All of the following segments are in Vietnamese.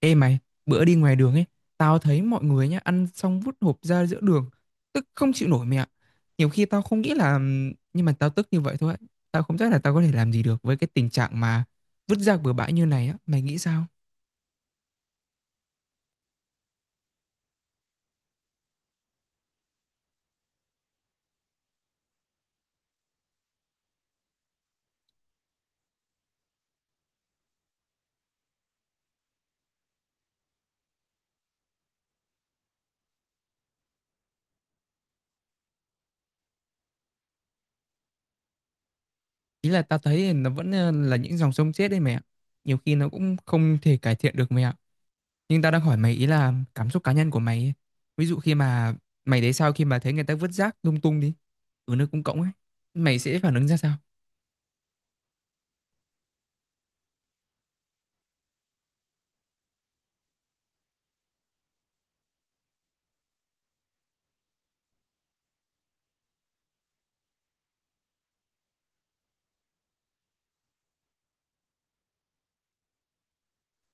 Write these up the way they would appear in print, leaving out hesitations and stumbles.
Ê mày, bữa đi ngoài đường ấy, tao thấy mọi người nhá ăn xong vứt hộp ra giữa đường, tức không chịu nổi mẹ ạ. Nhiều khi tao không nghĩ là nhưng mà tao tức như vậy thôi. Tao không chắc là tao có thể làm gì được với cái tình trạng mà vứt rác bừa bãi như này á, mày nghĩ sao? Ý là tao thấy nó vẫn là những dòng sông chết đấy mẹ ạ. Nhiều khi nó cũng không thể cải thiện được mẹ ạ. Nhưng tao đang hỏi mày ý là cảm xúc cá nhân của mày ấy. Ví dụ khi mà mày thấy sao khi mà thấy người ta vứt rác lung tung đi, ở nơi công cộng ấy, mày sẽ phản ứng ra sao?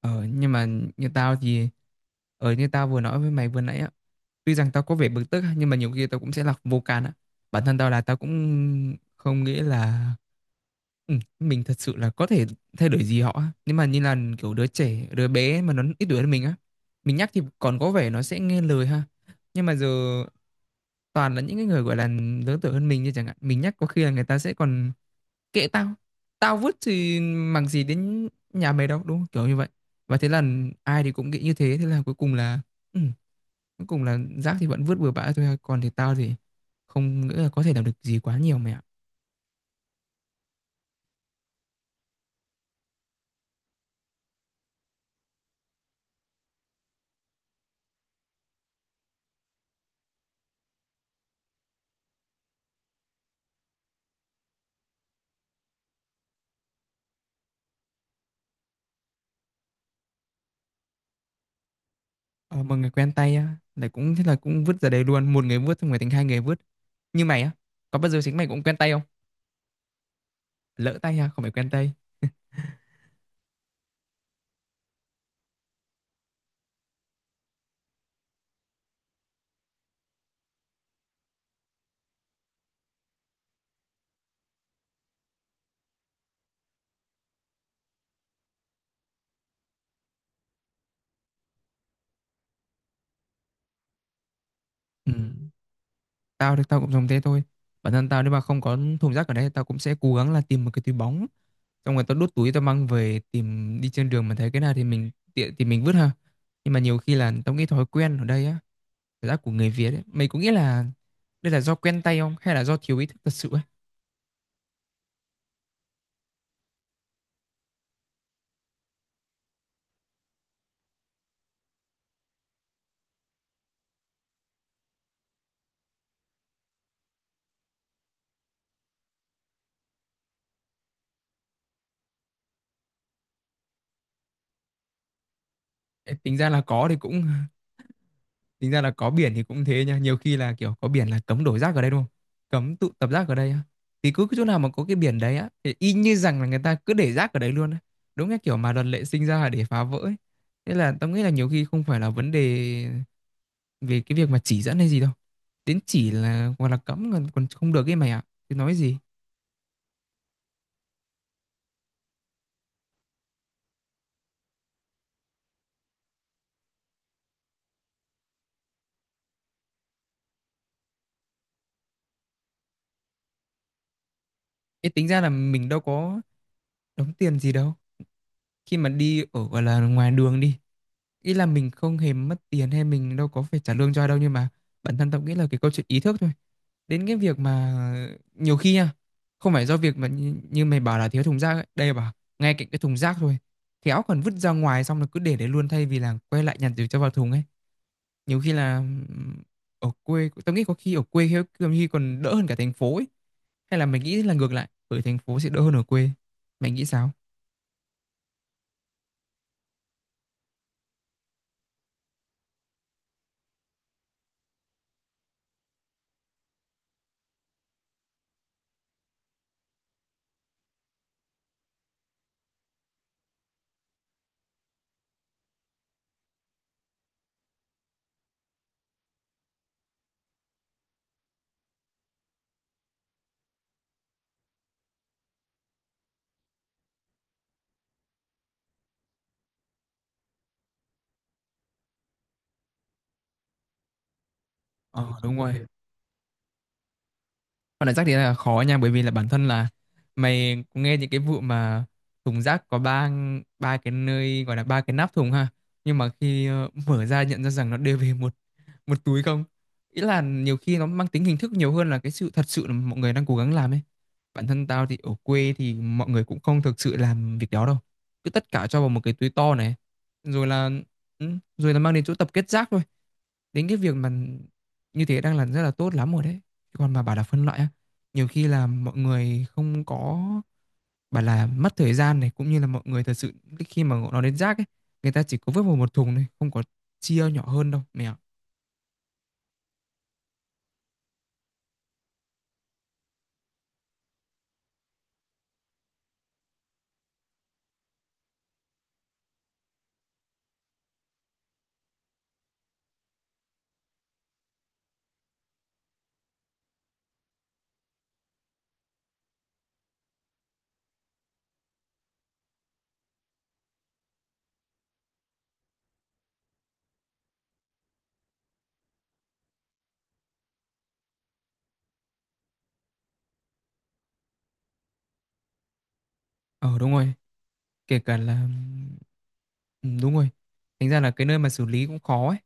Ờ, nhưng mà như tao thì như tao vừa nói với mày vừa nãy á, tuy rằng tao có vẻ bực tức á, nhưng mà nhiều khi tao cũng sẽ là vô can á. Bản thân tao là tao cũng không nghĩ là ừ, mình thật sự là có thể thay đổi gì họ á. Nhưng mà như là kiểu đứa trẻ, đứa bé mà nó ít tuổi hơn mình á, mình nhắc thì còn có vẻ nó sẽ nghe lời ha. Nhưng mà giờ toàn là những cái người gọi là lớn tuổi hơn mình như chẳng hạn, mình nhắc có khi là người ta sẽ còn kệ tao, tao vứt thì mằng gì đến nhà mày đâu đúng không, kiểu như vậy. Và thế là ai thì cũng nghĩ như thế, thế là cuối cùng là ừ, cuối cùng là rác thì vẫn vứt bừa bãi thôi, còn thì tao thì không nghĩ là có thể làm được gì quá nhiều mẹ ạ. Ờ, mà người quen tay á lại cũng thế, là cũng vứt ra đây luôn, một người vứt xong người thành hai người vứt, như mày á, có bao giờ chính mày cũng quen tay không, lỡ tay ha, không phải quen tay. Ừ. Tao thì tao cũng dùng thế thôi, bản thân tao nếu mà không có thùng rác ở đây tao cũng sẽ cố gắng là tìm một cái túi bóng, xong rồi tao đút túi tao mang về, tìm đi trên đường mà thấy cái nào thì mình tiện thì mình vứt ha. Nhưng mà nhiều khi là tao nghĩ thói quen ở đây á, cảm giác của người Việt ấy, mày có nghĩ là đây là do quen tay không hay là do thiếu ý thức thật sự ấy? Ê, tính ra là có thì cũng tính ra là có biển thì cũng thế nha, nhiều khi là kiểu có biển là cấm đổ rác ở đây đúng không, cấm tụ tập rác ở đây á, thì cứ cái chỗ nào mà có cái biển đấy á thì y như rằng là người ta cứ để rác ở đấy luôn á, đúng cái kiểu mà luật lệ sinh ra là để phá vỡ ấy. Thế là tao nghĩ là nhiều khi không phải là vấn đề về cái việc mà chỉ dẫn hay gì đâu, đến chỉ là hoặc là cấm còn không được ấy mày ạ, thì nói gì. Ê, tính ra là mình đâu có đóng tiền gì đâu, khi mà đi ở gọi là ngoài đường đi, ý là mình không hề mất tiền hay mình đâu có phải trả lương cho ai đâu, nhưng mà bản thân tao nghĩ là cái câu chuyện ý thức thôi, đến cái việc mà nhiều khi nha, không phải do việc mà như mày bảo là thiếu thùng rác ấy, đây bảo ngay cạnh cái thùng rác thôi khéo còn vứt ra ngoài xong là cứ để đấy luôn thay vì là quay lại nhặt rồi cho vào thùng ấy, nhiều khi là ở quê tao nghĩ có khi ở quê khi có khi còn đỡ hơn cả thành phố ấy, hay là mày nghĩ là ngược lại, ở thành phố sẽ đỡ hơn ở quê? Mày nghĩ sao? Ờ Đúng rồi, con này rác thì là khó nha, bởi vì là bản thân là mày cũng nghe những cái vụ mà thùng rác có ba ba cái nơi, gọi là ba cái nắp thùng ha, nhưng mà khi mở ra nhận ra rằng nó đều về một một túi không. Ý là nhiều khi nó mang tính hình thức nhiều hơn là cái sự thật sự là mọi người đang cố gắng làm ấy. Bản thân tao thì ở quê thì mọi người cũng không thực sự làm việc đó đâu, cứ tất cả cho vào một cái túi to này, rồi là ừ, rồi là mang đến chỗ tập kết rác thôi, đến cái việc mà như thế đang là rất là tốt lắm rồi đấy, còn mà bảo là phân loại á nhiều khi là mọi người không có, bảo là mất thời gian này, cũng như là mọi người thật sự khi mà nó đến rác ấy, người ta chỉ có vứt vào một thùng thôi, không có chia nhỏ hơn đâu mẹ ạ. Ờ Đúng rồi, kể cả là ừ, đúng rồi, thành ra là cái nơi mà xử lý cũng khó ấy.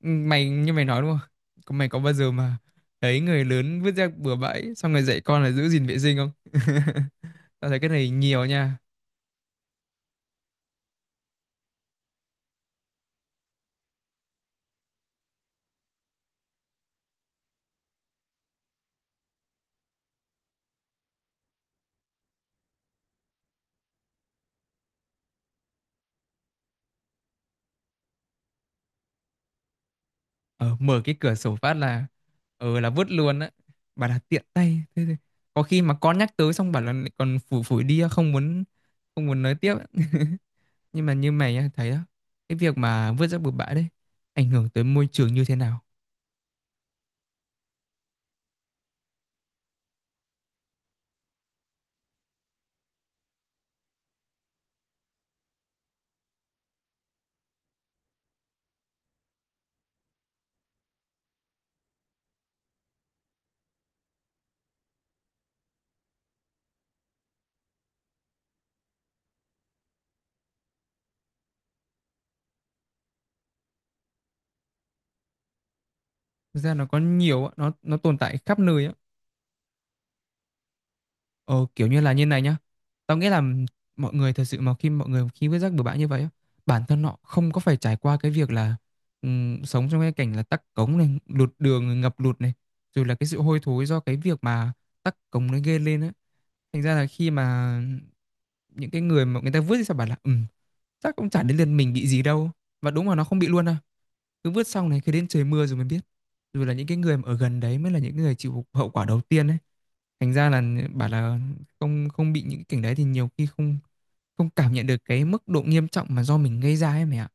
Ừ, mày như mày nói đúng không? Mày có bao giờ mà thấy người lớn vứt rác bừa bãi xong rồi dạy con là giữ gìn vệ sinh không? Tao thấy cái này nhiều nha. Ờ, mở cái cửa sổ phát là là vứt luôn á, bảo là tiện tay thế thì có khi mà con nhắc tới xong bảo là lại còn phủi phủi đi, không muốn nói tiếp. Nhưng mà như mày á, thấy á, cái việc mà vứt rác bừa bãi đấy ảnh hưởng tới môi trường như thế nào? Thực ra nó có nhiều á, nó tồn tại khắp nơi á. Ờ, kiểu như là như này nhá. Tao nghĩ là mọi người thật sự mà khi mọi người khi vứt rác bừa bãi như vậy á, bản thân họ không có phải trải qua cái việc là sống trong cái cảnh là tắc cống này, lụt đường, ngập lụt này, rồi là cái sự hôi thối do cái việc mà tắc cống nó gây lên á, thành ra là khi mà những cái người mà người ta vứt thì sao, bảo là ừ chắc cũng chả đến lượt mình bị gì đâu, và đúng là nó không bị luôn đâu, cứ vứt xong này cứ đến trời mưa rồi mới biết, rồi là những cái người mà ở gần đấy mới là những người chịu hậu quả đầu tiên ấy, thành ra là bảo là không, không bị những cái cảnh đấy thì nhiều khi không, không cảm nhận được cái mức độ nghiêm trọng mà do mình gây ra ấy mày ạ.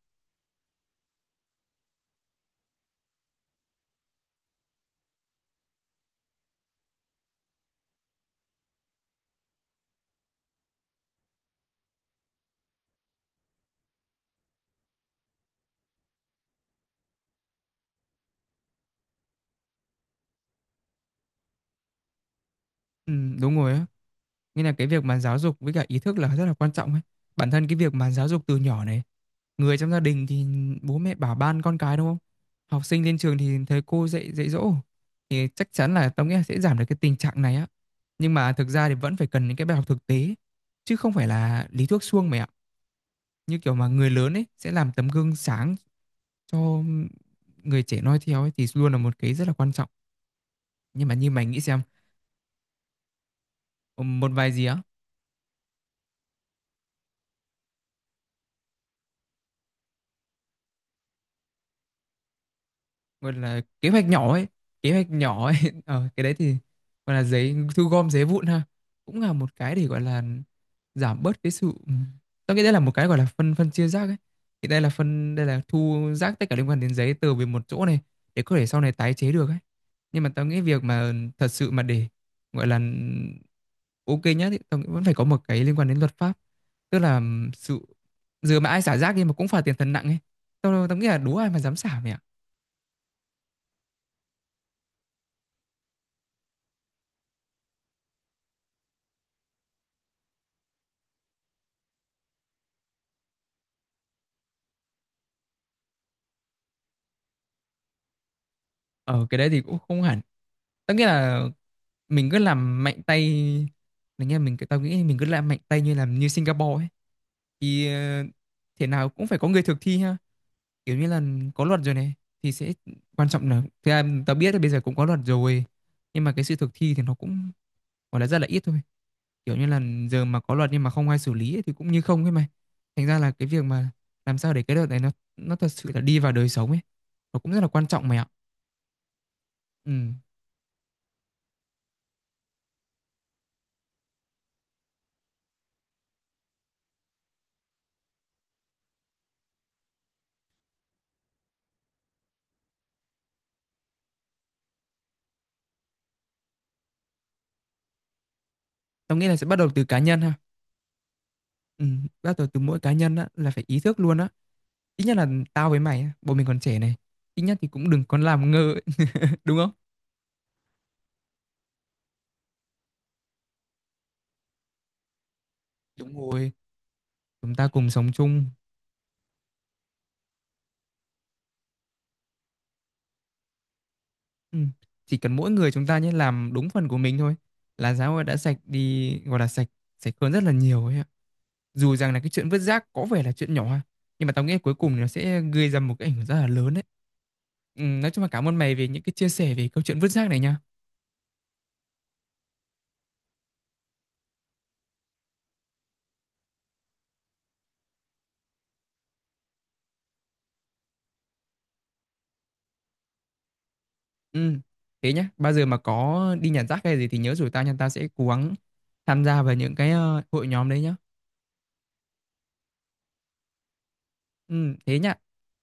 Ừ, đúng rồi á. Nghĩa là cái việc mà giáo dục với cả ý thức là rất là quan trọng ấy. Bản thân cái việc mà giáo dục từ nhỏ này, người trong gia đình thì bố mẹ bảo ban con cái đúng không? Học sinh lên trường thì thầy cô dạy dạy dỗ, thì chắc chắn là tao nghĩ là sẽ giảm được cái tình trạng này á. Nhưng mà thực ra thì vẫn phải cần những cái bài học thực tế chứ không phải là lý thuyết suông mày ạ. Như kiểu mà người lớn ấy sẽ làm tấm gương sáng cho người trẻ noi theo ấy, thì luôn là một cái rất là quan trọng. Nhưng mà như mày nghĩ xem, một vài gì á, gọi là kế hoạch nhỏ ấy, kế hoạch nhỏ ấy cái đấy thì gọi là giấy, thu gom giấy vụn ha, cũng là một cái để gọi là giảm bớt cái sự ừ. Tôi nghĩ đây là một cái gọi là phân phân chia rác ấy, thì đây là thu rác tất cả liên quan đến giấy từ về một chỗ này để có thể sau này tái chế được ấy. Nhưng mà tao nghĩ việc mà thật sự mà để gọi là ok nhá, thì tao nghĩ vẫn phải có một cái liên quan đến luật pháp, tức là sự giờ mà ai xả rác đi mà cũng phạt tiền thật nặng ấy, tao tao nghĩ là đố ai mà dám xả mày ạ. Ờ, cái đấy thì cũng không hẳn. Tất nghĩa là mình cứ làm mạnh tay, mình nghe mình tao nghĩ mình cứ làm mạnh tay như làm như Singapore ấy, thì thế nào cũng phải có người thực thi ha. Kiểu như là có luật rồi này thì sẽ quan trọng, là thực ra tao biết là bây giờ cũng có luật rồi, nhưng mà cái sự thực thi thì nó cũng gọi là rất là ít thôi. Kiểu như là giờ mà có luật nhưng mà không ai xử lý ấy, thì cũng như không ấy mày. Thành ra là cái việc mà làm sao để cái luật này nó thật sự là đi vào đời sống ấy, nó cũng rất là quan trọng mày ạ. Ừ. Tao nghĩ là sẽ bắt đầu từ cá nhân ha. Bắt đầu từ mỗi cá nhân á, là phải ý thức luôn á. Ít nhất là tao với mày á, bọn mình còn trẻ này, ít nhất thì cũng đừng còn làm ngơ ấy, đúng không? Đúng rồi, chúng ta cùng sống chung. Ừm, chỉ cần mỗi người chúng ta nhé làm đúng phần của mình thôi là xã hội đã sạch đi, gọi là sạch sạch hơn rất là nhiều ấy ạ. Dù rằng là cái chuyện vứt rác có vẻ là chuyện nhỏ nhưng mà tao nghĩ cuối cùng thì nó sẽ gây ra một cái ảnh hưởng rất là lớn đấy. Nói chung là cảm ơn mày về những cái chia sẻ về câu chuyện vứt rác này nha. Ừ, thế nhá, bao giờ mà có đi nhặt rác hay gì thì nhớ rủ tao nha, tao sẽ cố gắng tham gia vào những cái hội nhóm đấy nhá. Ừ, thế nhá.